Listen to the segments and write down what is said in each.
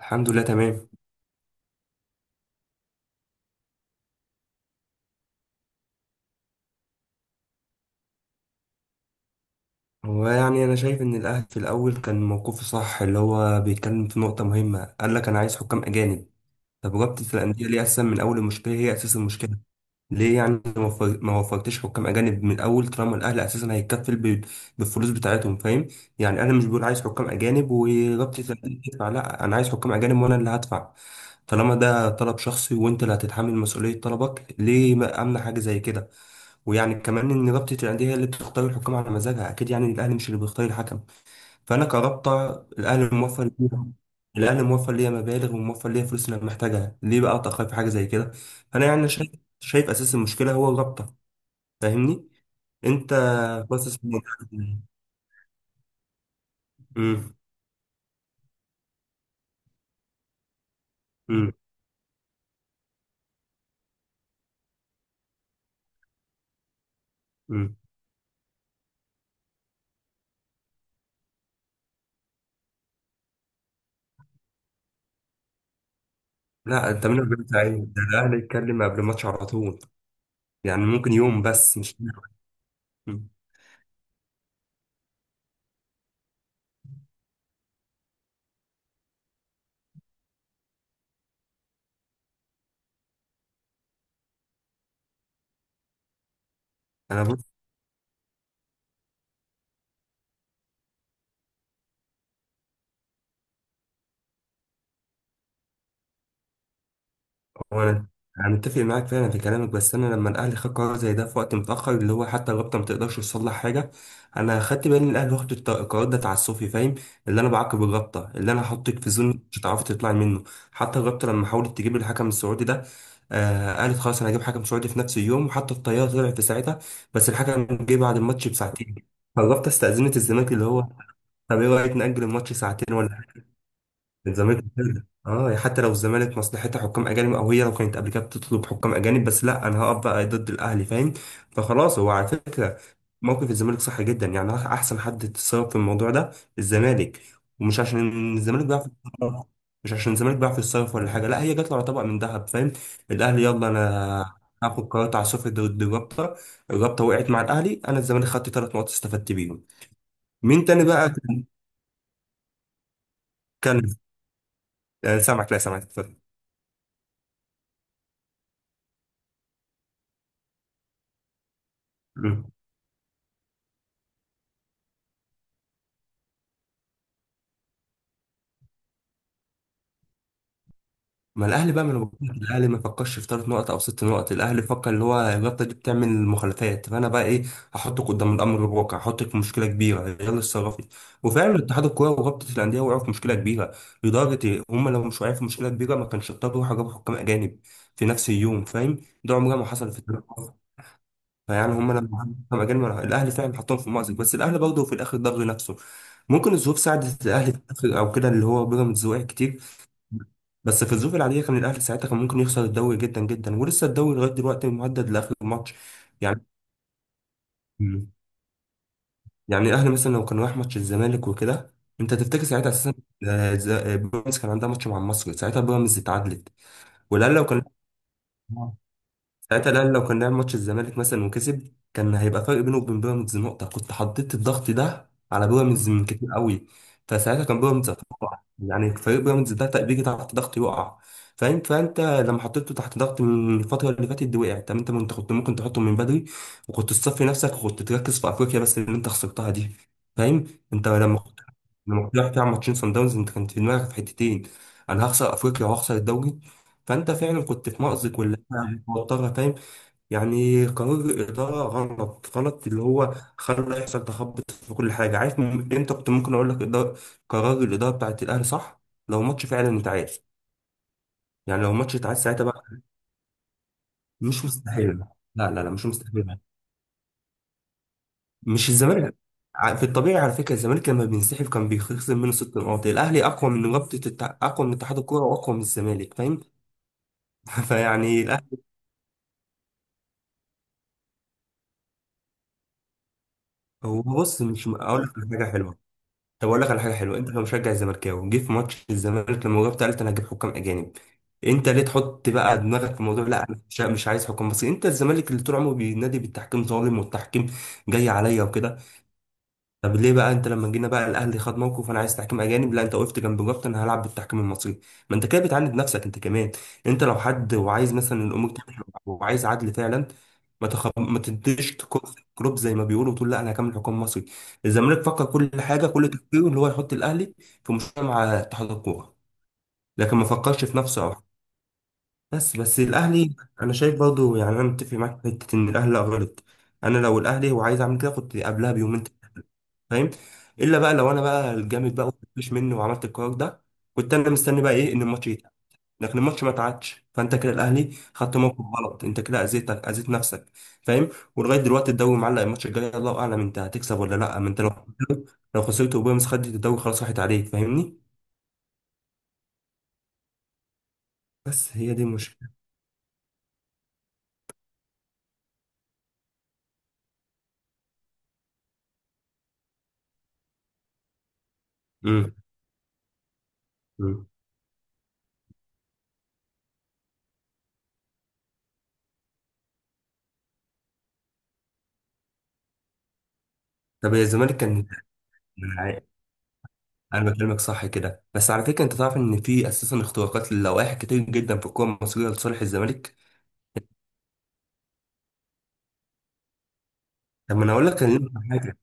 الحمد لله، تمام. ويعني انا شايف ان الاهلي في الاول كان موقفه صح، اللي هو بيتكلم في نقطه مهمه. قال لك: انا عايز حكام اجانب. طب رابطه الانديه ليه اساسا من اول المشكله؟ هي اساس المشكله. ليه يعني ما وفرتش حكام اجانب من الاول، طالما الاهلي اساسا هيتكفل بالفلوس بتاعتهم؟ فاهم؟ يعني انا مش بقول عايز حكام اجانب ورابطه الانديه تدفع، لا، انا عايز حكام اجانب وانا اللي هدفع. طالما ده طلب شخصي وانت اللي هتتحمل مسؤوليه طلبك، ليه ما امنع حاجه زي كده؟ ويعني كمان ان رابطه الانديه هي اللي بتختار الحكام على مزاجها، اكيد يعني الاهلي مش اللي بيختار الحكم. فانا كرابطه، الاهلي موفر ليها، الاهلي موفر ليا مبالغ وموفر ليا فلوس اللي انا محتاجها، ليه بقى اتاخر في حاجه زي كده؟ فانا يعني شايف، شايف اساس المشكله هو الرابطه. فاهمني؟ انت باصص من- امم امم امم. لا انت من قبل، ده الاهلي يتكلم قبل الماتش على طول، يعني ممكن يوم، بس مش أمم. انا، وانا انا متفق معاك فعلا في كلامك، بس انا لما الاهلي خد قرار زي ده في وقت متاخر، اللي هو حتى الرابطه ما تقدرش تصلح حاجه. انا خدت بالي ان الاهلي واخد القرار ده تعسفي، فاهم؟ اللي انا بعاقب الرابطه، اللي انا هحطك في زون مش هتعرفي تطلعي منه. حتى الرابطه لما حاولت تجيب الحكم السعودي ده، آه، قالت خلاص انا هجيب حكم سعودي في نفس اليوم، وحتى الطياره طلعت في ساعتها، بس الحكم جه بعد الماتش بساعتين. فالرابطه استاذنت الزمالك، اللي هو طب ايه رايك ناجل الماتش ساعتين ولا؟ من زمان كده اه يعني، حتى لو الزمالك مصلحتها حكام اجانب، او هي لو كانت قبل كده بتطلب حكام اجانب، بس لا انا هقف بقى ضد الاهلي، فاهم؟ فخلاص هو على فكره، موقف الزمالك صح جدا، يعني احسن حد تصرف في الموضوع ده الزمالك. ومش عشان الزمالك بيعرف يتصرف، مش عشان الزمالك بيعرف يتصرف ولا حاجه، لا، هي جات له على طبق من ذهب، فاهم؟ الاهلي يلا انا هاخد قرارات عاصفة ضد الرابطة. الرابطة وقعت مع الأهلي، أنا الزمالك خدت ثلاث نقط استفدت بيهم. مين تاني بقى كان كان. سامعك، لا سامعك، اتفضل. ما الاهلي بقى من غلطات الاهلي، ما فكرش في ثلاث نقط او ست نقط، الاهلي فكر اللي هو الرابطه دي بتعمل مخالفات، فانا بقى ايه، هحطك قدام الامر الواقع، هحطك في مشكله كبيره، يلا اتصرفي. وفعلا اتحاد الكوره ورابطه الانديه وقعوا في مشكله كبيره لدرجه إيه؟ هم لو مش واقعين في مشكله كبيره ما كانش اضطروا يروحوا جابوا حكام اجانب في نفس اليوم، فاهم؟ ده عمرها ما حصل في التاريخ. فيعني هم لما حكموا حكام اجانب الاهلي فعلا حطهم في مأزق، بس الاهلي برضه في الاخر ضر نفسه. ممكن الظروف ساعدت الاهلي في الآخر او كده، اللي هو بيراميدز وقع كتير، بس في الظروف العادية كان الأهلي ساعتها كان ممكن يخسر الدوري جدا جدا، ولسه الدوري لغاية دلوقتي مهدد لآخر ماتش. يعني مم. يعني الأهلي مثلا لو كان راح ماتش الزمالك وكده، أنت تفتكر ساعتها أساسا بيراميدز كان عندها ماتش مع مصر، ساعتها بيراميدز اتعادلت. والأهلي لو كان، ساعتها الاهلي لو كان لعب ماتش الزمالك مثلا وكسب، كان هيبقى فرق بينه وبين بيراميدز نقطه، كنت حطيت الضغط ده على بيراميدز من كتير قوي. فساعتها كان بيراميدز هتقع، يعني فريق بيراميدز ده بيجي تحت ضغط يقع، فاهم؟ فانت لما حطيته تحت ضغط من الفتره اللي فاتت دي وقع. طب انت كنت، كنت ممكن تحطه من بدري وكنت تصفي نفسك وكنت تركز في افريقيا، بس اللي انت خسرتها دي، فاهم؟ انت لما كنت، لما كنت رايح تلعب ماتشين صن داونز انت كنت في دماغك في حتتين: انا هخسر افريقيا وهخسر الدوري. فانت فعلا كنت في مأزق ولا توترها، فاهم؟ يعني قرار الإدارة غلط غلط، اللي هو خلى يحصل تخبط في كل حاجة. عارف أنت كنت ممكن أقول لك إدارة، قرار الإدارة بتاعت الأهلي صح لو ماتش فعلا اتعاد. يعني لو ماتش اتعاد ساعتها بقى، مش مستحيل. لا لا لا مش مستحيل. مش الزمالك، في الطبيعي على فكرة الزمالك لما بينسحب كان بيخسر منه ست نقاط. الأهلي أقوى من أقوى من اتحاد الكورة وأقوى من الزمالك، فاهم؟ فيعني الأهلي، هو بص مش أقول لك حاجة حلوة؟ طب اقول لك على حاجه حلوه: انت كمشجع زملكاوي، جه في ماتش الزمالك لما جبت قلت انا هجيب حكام اجانب. انت ليه تحط بقى دماغك في الموضوع؟ لا انا مش عايز حكام مصري. انت الزمالك اللي طول عمره بينادي بالتحكيم ظالم والتحكيم جاي عليا وكده. طب ليه بقى انت لما جينا بقى الاهلي خد موقف انا عايز تحكيم اجانب، لا انت وقفت جنب، جبت انا هلعب بالتحكيم المصري؟ ما انت كده بتعاند نفسك انت كمان. انت لو حد وعايز مثلا الامور تمشي وعايز عدل فعلا، ما تديش كروب زي ما بيقولوا، وتقول لا انا هكمل حكام مصري. الزمالك فكر كل حاجه، كل تفكيره اللي هو يحط الاهلي في مشكله مع اتحاد الكوره، لكن ما فكرش في نفسه. او بس الاهلي، انا شايف برضو يعني انا متفق معاك في حته ان الاهلي لا غلط. انا لو الاهلي وعايز اعمل كده كنت قبلها بيومين، فاهم؟ الا بقى لو انا بقى الجامد بقى، مفيش مني وعملت القرار ده، كنت انا مستني بقى ايه، ان الماتش يتعاد. لكن الماتش ما اتعادش، فانت كده الاهلي خدت موقف غلط، انت كده اذيتك، اذيت نفسك، فاهم؟ ولغايه دلوقتي الدوري معلق، الماتش الجاي الله اعلم انت هتكسب ولا لا، ما انت لو، لو خسرت وبيراميدز خدت الدوري، خلاص راحت عليك، فاهمني؟ بس هي دي المشكله. امم أمم. طب يا الزمالك كان، انا عا- أنا بكلمك صح كده، بس على فكره انت تعرف ان في اساسا اختراقات للوائح كتير جدا في الكوره المصريه لصالح الزمالك. طب ما انا اقول لك، أنا ليه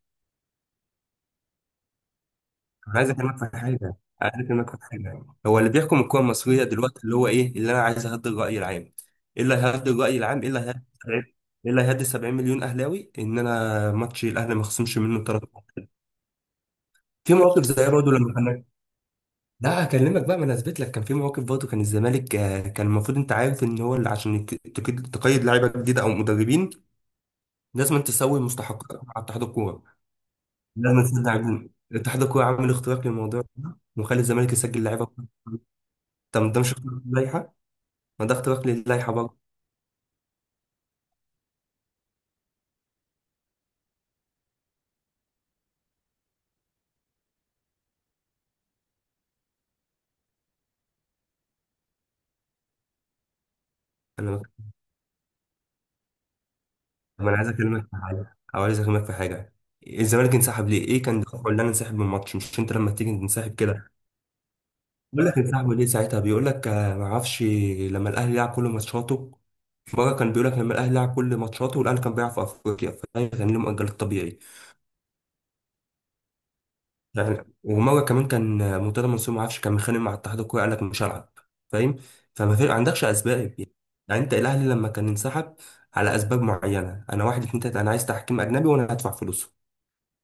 انا عايز اكلمك في حاجه، عايز اكلمك في حاجه: هو اللي بيحكم الكوره المصريه دلوقتي اللي هو ايه اللي انا عايز اهدي الراي العام؟ ايه اللي هيهدي الراي العام؟ ايه اللي ايه اللي هيهدي 70 مليون اهلاوي؟ ان انا ماتش الاهلي ما خصمش منه ثلاث نقط. في مواقف زي برضه لما كان، لا هكلمك بقى ما انا اثبت لك، كان في مواقف برضه كان الزمالك، آه، كان المفروض انت عارف ان هو اللي عشان تقيد لعيبه جديده او مدربين، لازم أن تسوي مستحقات مع اتحاد الكوره. لازم تسد عجين. اتحاد الكوره عامل اختراق للموضوع ده، وخلي الزمالك يسجل لعيبه. طب ده مش اختراق للائحة؟ ما ده اختراق للائحة برضه. انا طب انا عايز اكلمك في حاجة، او عايز اكلمك في حاجة: الزمالك انسحب ليه؟ ايه كان دفعه اللي انا انسحب من الماتش؟ مش انت لما تيجي تنسحب كده، بيقول لك انسحبوا ليه ساعتها، بيقول لك آه، ما اعرفش. لما الاهلي لعب كل ماتشاته، في مرة كان بيقول لك لما الاهلي لعب كل ماتشاته والاهلي كان بيلعب في افريقيا، فده كان ليه مؤجل الطبيعي يعني. ومره كمان كان مرتضى منصور ما اعرفش كان متخانق مع اتحاد الكوره قال لك مش هلعب، فاهم؟ ما عندكش اسباب يعني. يعني انت الاهلي لما كان انسحب على اسباب معينه: انا واحد اتنين تلاته انا عايز تحكيم اجنبي وانا هدفع فلوسه،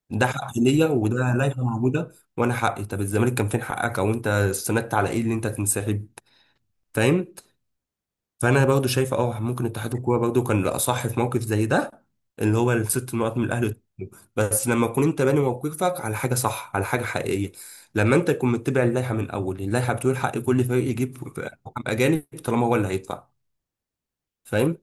ده حقي ليا وده لائحه موجوده وانا حقي. طب الزمالك كان فين حقك، او انت استندت على ايه اللي انت تنسحب؟ فاهم؟ فانا برضه شايف اه ممكن اتحاد الكوره برضه كان الاصح في موقف زي ده، اللي هو الست نقط من الاهلي والزمالك. بس لما تكون انت باني موقفك على حاجه صح، على حاجه حقيقيه، لما انت تكون متبع اللائحه من الاول. اللائحه بتقول حق كل فريق يجيب حكام اجانب طالما هو اللي هيدفع، فاهم؟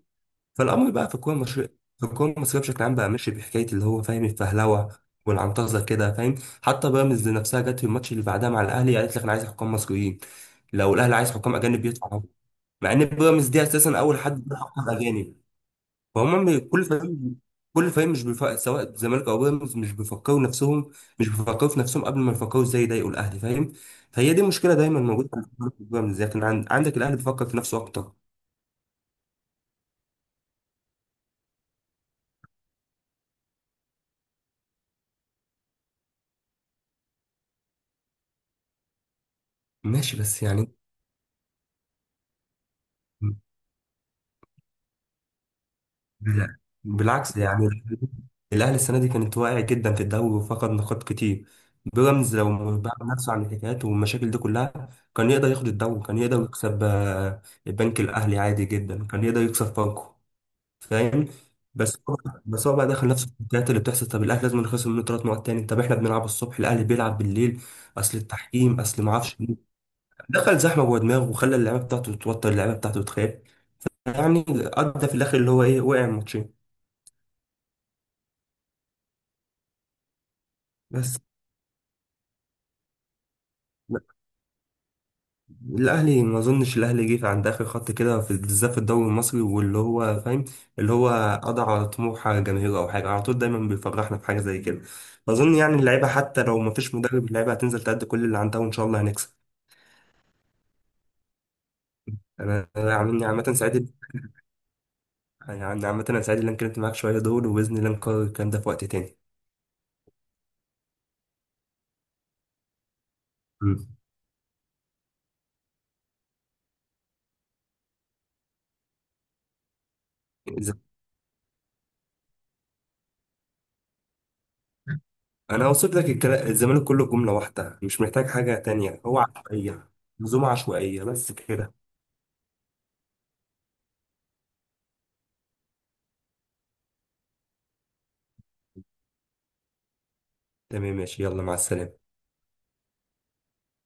فالامر بقى في الكوره المصريه، في الكوره المصريه بشكل عام بقى ماشي بحكايه اللي هو فاهم الفهلوه والعنطزه كده، فاهم؟ حتى بيراميدز نفسها جت في الماتش اللي بعدها مع الاهلي قالت لك انا عايز حكام مصريين، لو الاهلي عايز حكام اجانب يدفع، مع ان بيراميدز دي اساسا اول حد بيحقق اجانب. فهم كل فريق، كل فريق مش سواء الزمالك او بيراميدز مش بيفكروا نفسهم، مش بيفكروا في نفسهم قبل ما يفكروا ازاي يضايقوا الاهلي، فاهم؟ فهي دي مشكله دايما موجوده في بيراميدز. لكن عندك الاهلي بيفكر في نفسه اكتر. ماشي بس يعني لا بالعكس يعني. الأهلي السنة دي كانت واقعة جدا في الدوري وفقد نقاط كتير. بيراميدز لو بعد نفسه عن الحكايات والمشاكل دي كلها كان يقدر ياخد الدوري، كان يقدر يكسب آه، البنك الأهلي عادي جدا، كان يقدر يكسب فاركو، فاهم؟ بس هو، بس هو بقى دخل نفسه في الحكايات اللي بتحصل. طب الأهلي لازم نخسر منه ثلاث نقط تاني؟ طب احنا بنلعب الصبح، الأهلي بيلعب بالليل، أصل التحكيم، أصل ما اعرفش مين. دخل زحمة جوه دماغه وخلى اللعيبة بتاعته تتوتر، اللعيبة بتاعته تخاف، يعني أدى في الآخر اللي هو إيه، وقع الماتشين. بس الاهلي ما اظنش الاهلي جه عند اخر خط كده بالذات في الدوري المصري، واللي هو فاهم، اللي هو قضى على طموح جماهيره او حاجه، على طول دايما بيفرحنا بحاجه زي كده. فاظن يعني اللعيبه حتى لو ما فيش مدرب اللعيبه هتنزل تأدي كل اللي عندها، وان شاء الله هنكسب. انا، عامه سعيد، يعني عامه انا سعيد ان انا اتكلمت معاك شويه دول، وباذن الله نكرر الكلام ده في وقت تاني. مم. إذا- انا وصلت لك الزمالك كله جمله واحده مش محتاج حاجه تانية: هو عشوائيه، منظومه عشوائيه، بس كده. تمام ماشي، يلا مع السلامه.